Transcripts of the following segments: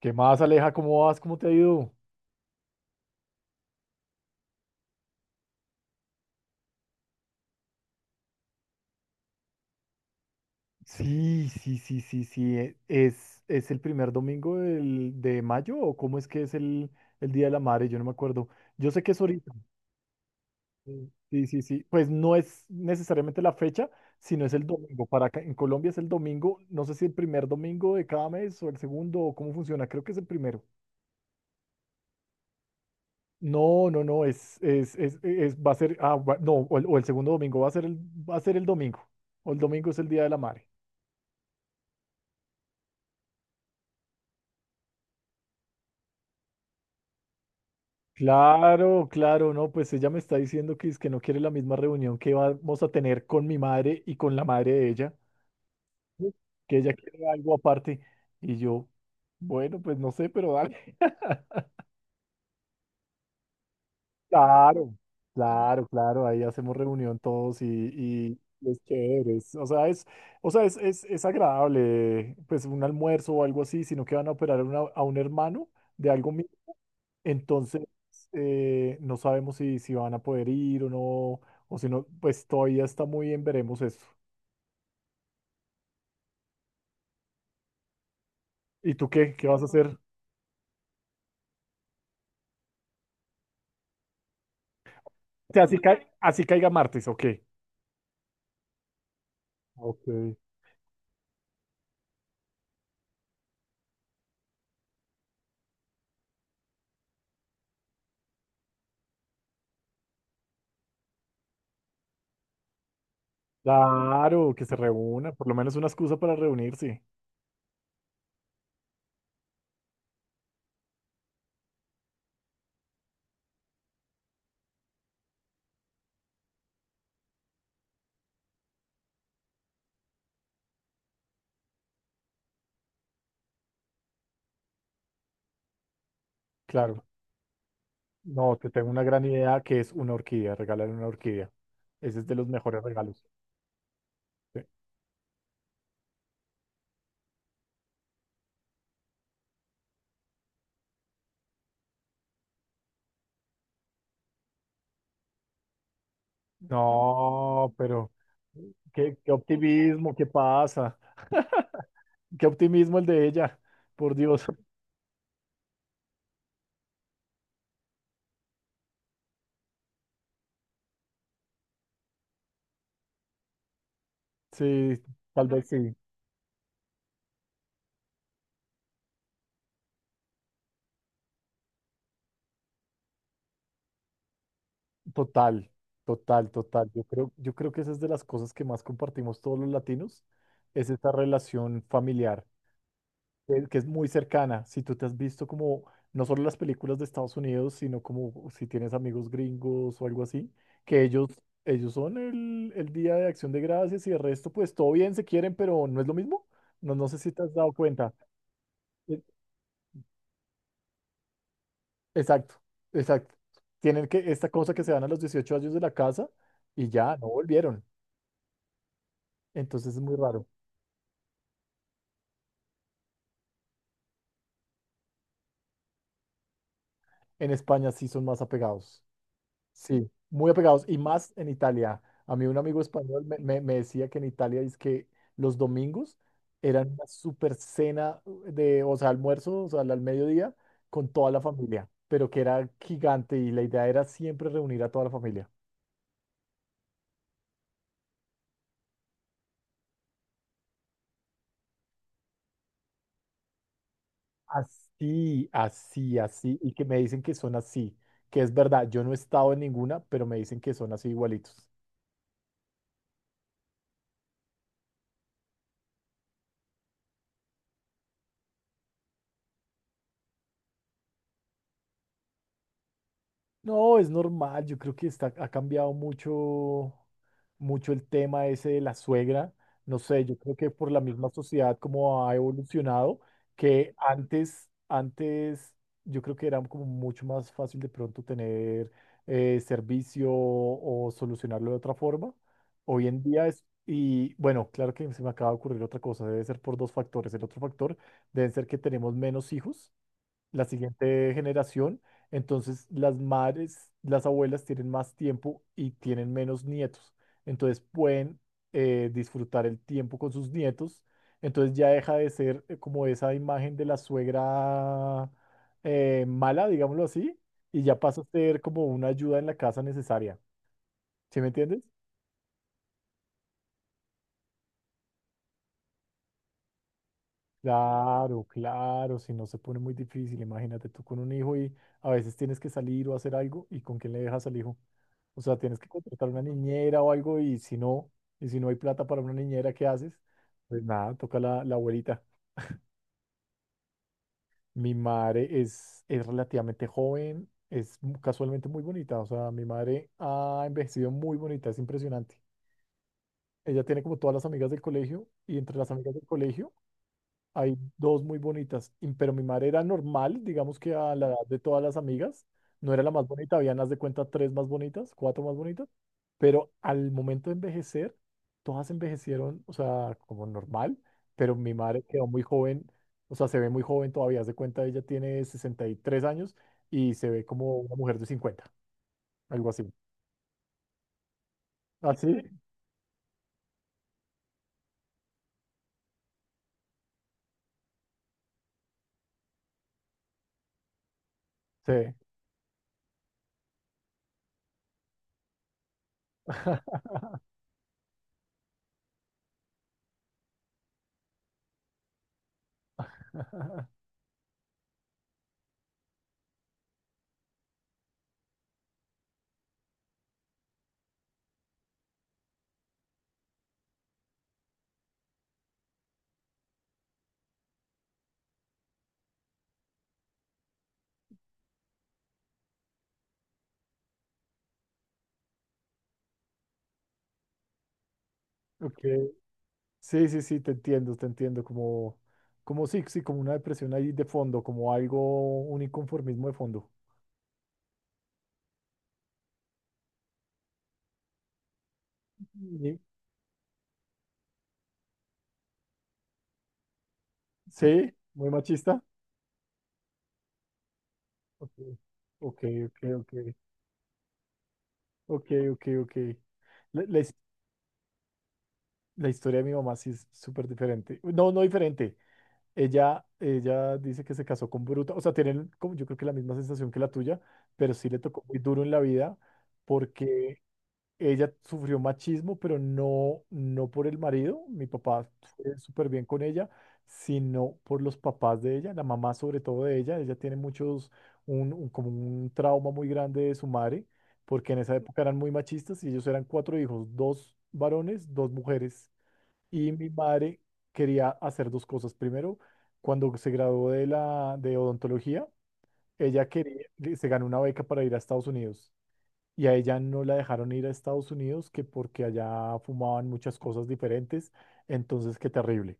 ¿Qué más, Aleja? ¿Cómo vas? ¿Cómo te ha ido? Sí, sí, sí, sí, sí. ¿Es el primer de mayo o cómo es que es el Día de la Madre? Yo no me acuerdo. Yo sé que es ahorita. Sí, sí, sí, sí, pues no es necesariamente la fecha, sino es el domingo. Para acá, en Colombia es el domingo. No sé si el primer domingo de cada mes o el segundo o cómo funciona. Creo que es el primero. No, no, no. Va a ser. Ah, va- no, o el segundo domingo va a va a ser el domingo. O el domingo es el Día de la Madre. Claro, claro, no, pues ella me está diciendo que es que no quiere la misma reunión que vamos a tener con mi madre y con la madre de ella, ¿sí? Que ella quiere algo aparte. Y yo, bueno, pues no sé, pero dale. Claro, claro, claro, ahí hacemos reunión todos y es chévere. O sea, es, es agradable, pues un almuerzo o algo así, sino que van a operar a un hermano de algo. Entonces, no sabemos si van a poder ir o no, o si no, pues todavía está muy bien, veremos eso. ¿Y tú qué? ¿Qué vas a hacer? O sea, así caiga martes, ¿o qué? Ok. Claro, que se reúna, por lo menos una excusa para reunirse. Claro. No, te tengo una gran idea que es una orquídea, regalar una orquídea. Ese es de los mejores regalos. Sí. No, pero qué optimismo, qué pasa. Qué optimismo el de ella, por Dios. Sí, tal vez sí. Total, total, total. Yo creo que esa es de las cosas que más compartimos todos los latinos, es esta relación familiar. Que es muy cercana. Si tú te has visto como no solo las películas de Estados Unidos, sino como si tienes amigos gringos o algo así, que ellos son el Día de Acción de Gracias y el resto, pues todo bien, se quieren, pero no es lo mismo. No, no sé si te has dado cuenta. E- Exacto, exacto. Tienen que esta cosa que se dan a los 18 años de la casa y ya no volvieron. Entonces es muy raro. En España sí son más apegados. Sí, muy apegados y más en Italia. A mí un amigo español me decía que en Italia es que los domingos eran una super cena de, o sea, almuerzo, o sea, al al mediodía con toda la familia, pero que era gigante y la idea era siempre reunir a toda la familia. Así, así, así, y que me dicen que son así, que es verdad, yo no he estado en ninguna, pero me dicen que son así igualitos. No, es normal, yo creo que está, ha cambiado mucho, mucho el tema ese de la suegra. No sé, yo creo que por la misma sociedad como ha evolucionado, que antes yo creo que era como mucho más fácil de pronto tener servicio o solucionarlo de otra forma. Hoy en día es, y bueno, claro que se me acaba de ocurrir otra cosa, debe ser por dos factores. El otro factor debe ser que tenemos menos hijos la siguiente generación. Entonces, las madres, las abuelas tienen más tiempo y tienen menos nietos. Entonces, pueden disfrutar el tiempo con sus nietos. Entonces, ya deja de ser como esa imagen de la suegra mala, digámoslo así, y ya pasa a ser como una ayuda en la casa necesaria. ¿Sí me entiendes? Claro, claro, si no se pone muy difícil, imagínate tú con un hijo y a veces tienes que salir o hacer algo y con quién le dejas al hijo. O sea, tienes que contratar una niñera o algo y si no hay plata para una niñera, ¿qué haces? Pues nada, toca la abuelita. Mi madre es relativamente joven, casualmente muy bonita, o sea, mi madre ha envejecido muy bonita, es impresionante. Ella tiene como todas las amigas del colegio y entre las amigas del colegio hay dos muy bonitas, pero mi madre era normal, digamos que a la edad de todas las amigas, no era la más bonita, habían, haz de cuenta, tres más bonitas, cuatro más bonitas, pero al momento de envejecer, todas envejecieron, o sea, como normal, pero mi madre quedó muy joven, o sea, se ve muy joven todavía, haz de cuenta, ella tiene 63 años y se ve como una mujer de 50, algo así. ¿Así? Sí. Ok. Sí, sí, sí, te entiendo, como, como sí, sí, como una depresión ahí de fondo, como algo, un inconformismo de fondo. Y- Sí, muy machista. Ok, ok, ok, ok, ok, ok, ok. La, la his- la historia de mi mamá sí es súper diferente. No, no diferente. Ella dice que se casó con Bruta, o sea, tienen como yo creo que la misma sensación que la tuya, pero sí le tocó muy duro en la vida porque ella sufrió machismo, pero no, no por el marido. Mi papá fue súper bien con ella, sino por los papás de ella, la mamá sobre todo de ella. Ella tiene muchos, como un trauma muy grande de su madre, porque en esa época eran muy machistas y ellos eran cuatro hijos, dos varones, dos mujeres. Y mi madre quería hacer dos cosas. Primero, cuando se graduó de la de odontología, ella quería, se ganó una beca para ir a Estados Unidos y a ella no la dejaron ir a Estados Unidos, que porque allá fumaban muchas cosas diferentes, entonces qué terrible.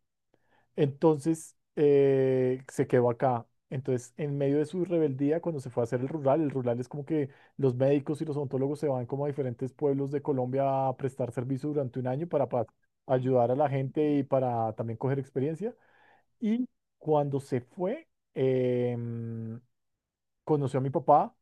Entonces se quedó acá. Entonces, en medio de su rebeldía, cuando se fue a hacer el rural es como que los médicos y los odontólogos se van como a diferentes pueblos de Colombia a prestar servicio durante un año para ayudar a la gente y para también coger experiencia. Y cuando se fue, em, conoció a mi papá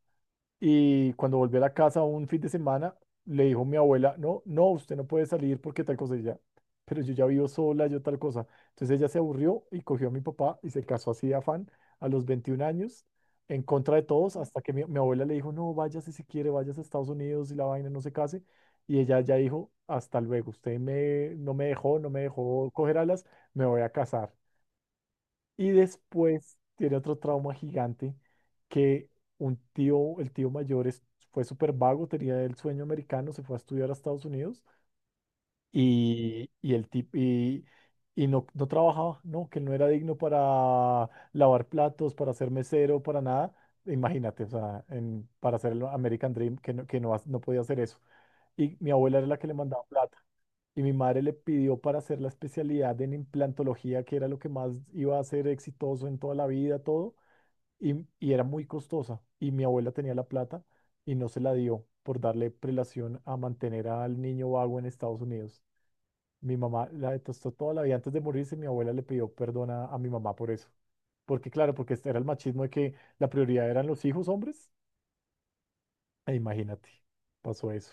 y cuando volvió a la casa un fin de semana, le dijo mi abuela, no, no, usted no puede salir porque tal cosa y ya. Pero yo ya vivo sola, yo tal cosa. Entonces ella se aburrió y cogió a mi papá y se casó así de afán a los 21 años, en contra de todos, hasta que mi abuela le dijo, no, váyase si quiere, váyase a Estados Unidos y la vaina no se case. Y ella ya dijo, hasta luego, usted me, no me dejó, no me dejó coger alas, me voy a casar. Y después tiene otro trauma gigante que un tío, el tío mayor es- fue súper vago, tenía el sueño americano, se fue a estudiar a Estados Unidos y, y el tipo y, y no, no trabajaba, no, que él no era digno para lavar platos, para ser mesero, para nada. Imagínate, o sea, para hacer el American Dream, que no, no podía hacer eso. Y mi abuela era la que le mandaba plata y mi madre le pidió para hacer la especialidad en implantología, que era lo que más iba a ser exitoso en toda la vida, todo, y era muy costosa. Y mi abuela tenía la plata y no se la dio por darle prelación a mantener al niño vago en Estados Unidos. Mi mamá la detestó toda la vida antes de morirse. Mi abuela le pidió perdón a mi mamá por eso. Porque claro, porque este era el machismo de que la prioridad eran los hijos hombres. E imagínate, pasó eso.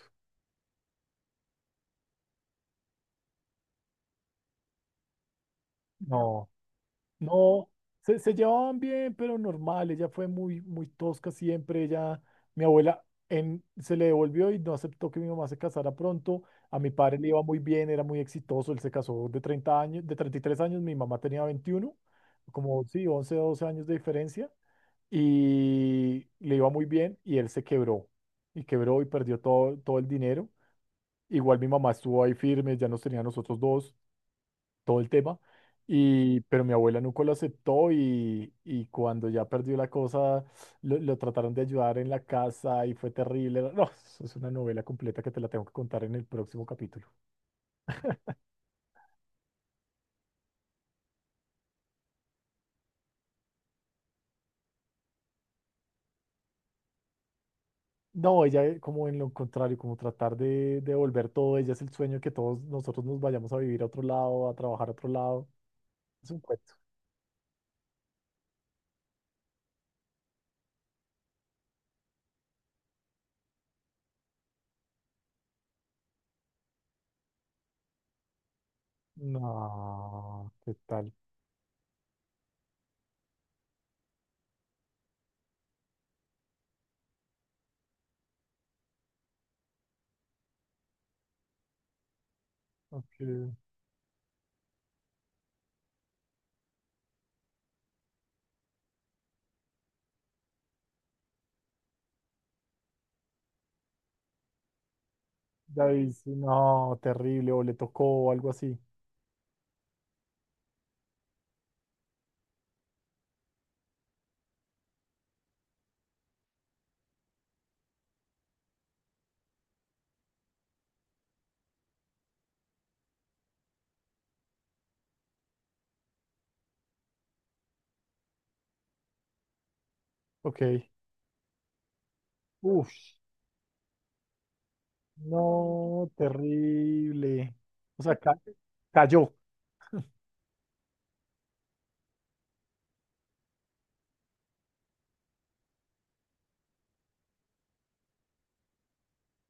No. No, se se llevaban bien, pero normal. Ella fue muy, muy tosca siempre. Ella, mi abuela, se le devolvió y no aceptó que mi mamá se casara pronto. A mi padre le iba muy bien, era muy exitoso. Él se casó de 30 años, de 33 años. Mi mamá tenía 21, como sí, 11, 12 años de diferencia. Y le iba muy bien y él se quebró. Y quebró y perdió todo, todo el dinero. Igual mi mamá estuvo ahí firme, ya nos tenía a nosotros dos todo el tema. Y, pero mi abuela nunca lo aceptó y cuando ya perdió la cosa, lo trataron de ayudar en la casa y fue terrible. No, eso es una novela completa que te la tengo que contar en el próximo capítulo. No, ella como en lo contrario, como tratar de devolver todo, ella es el sueño que todos nosotros nos vayamos a vivir a otro lado, a trabajar a otro lado. Es un cuento. No, ¿qué tal? Ok. Ya dice, no, terrible, o le tocó o algo así. Ok. Uf. No, terrible. O sea, cayó.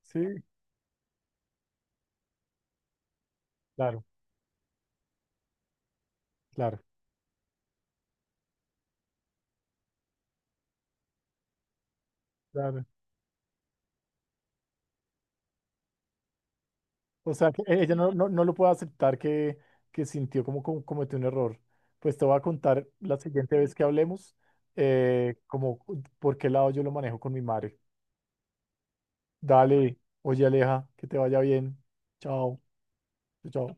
Sí, claro, claro, claro. O sea, que ella no lo puede aceptar que, sintió como, como cometió un error. Pues te voy a contar la siguiente vez que hablemos, como por qué lado yo lo manejo con mi madre. Dale, oye Aleja, que te vaya bien. Chao, chao.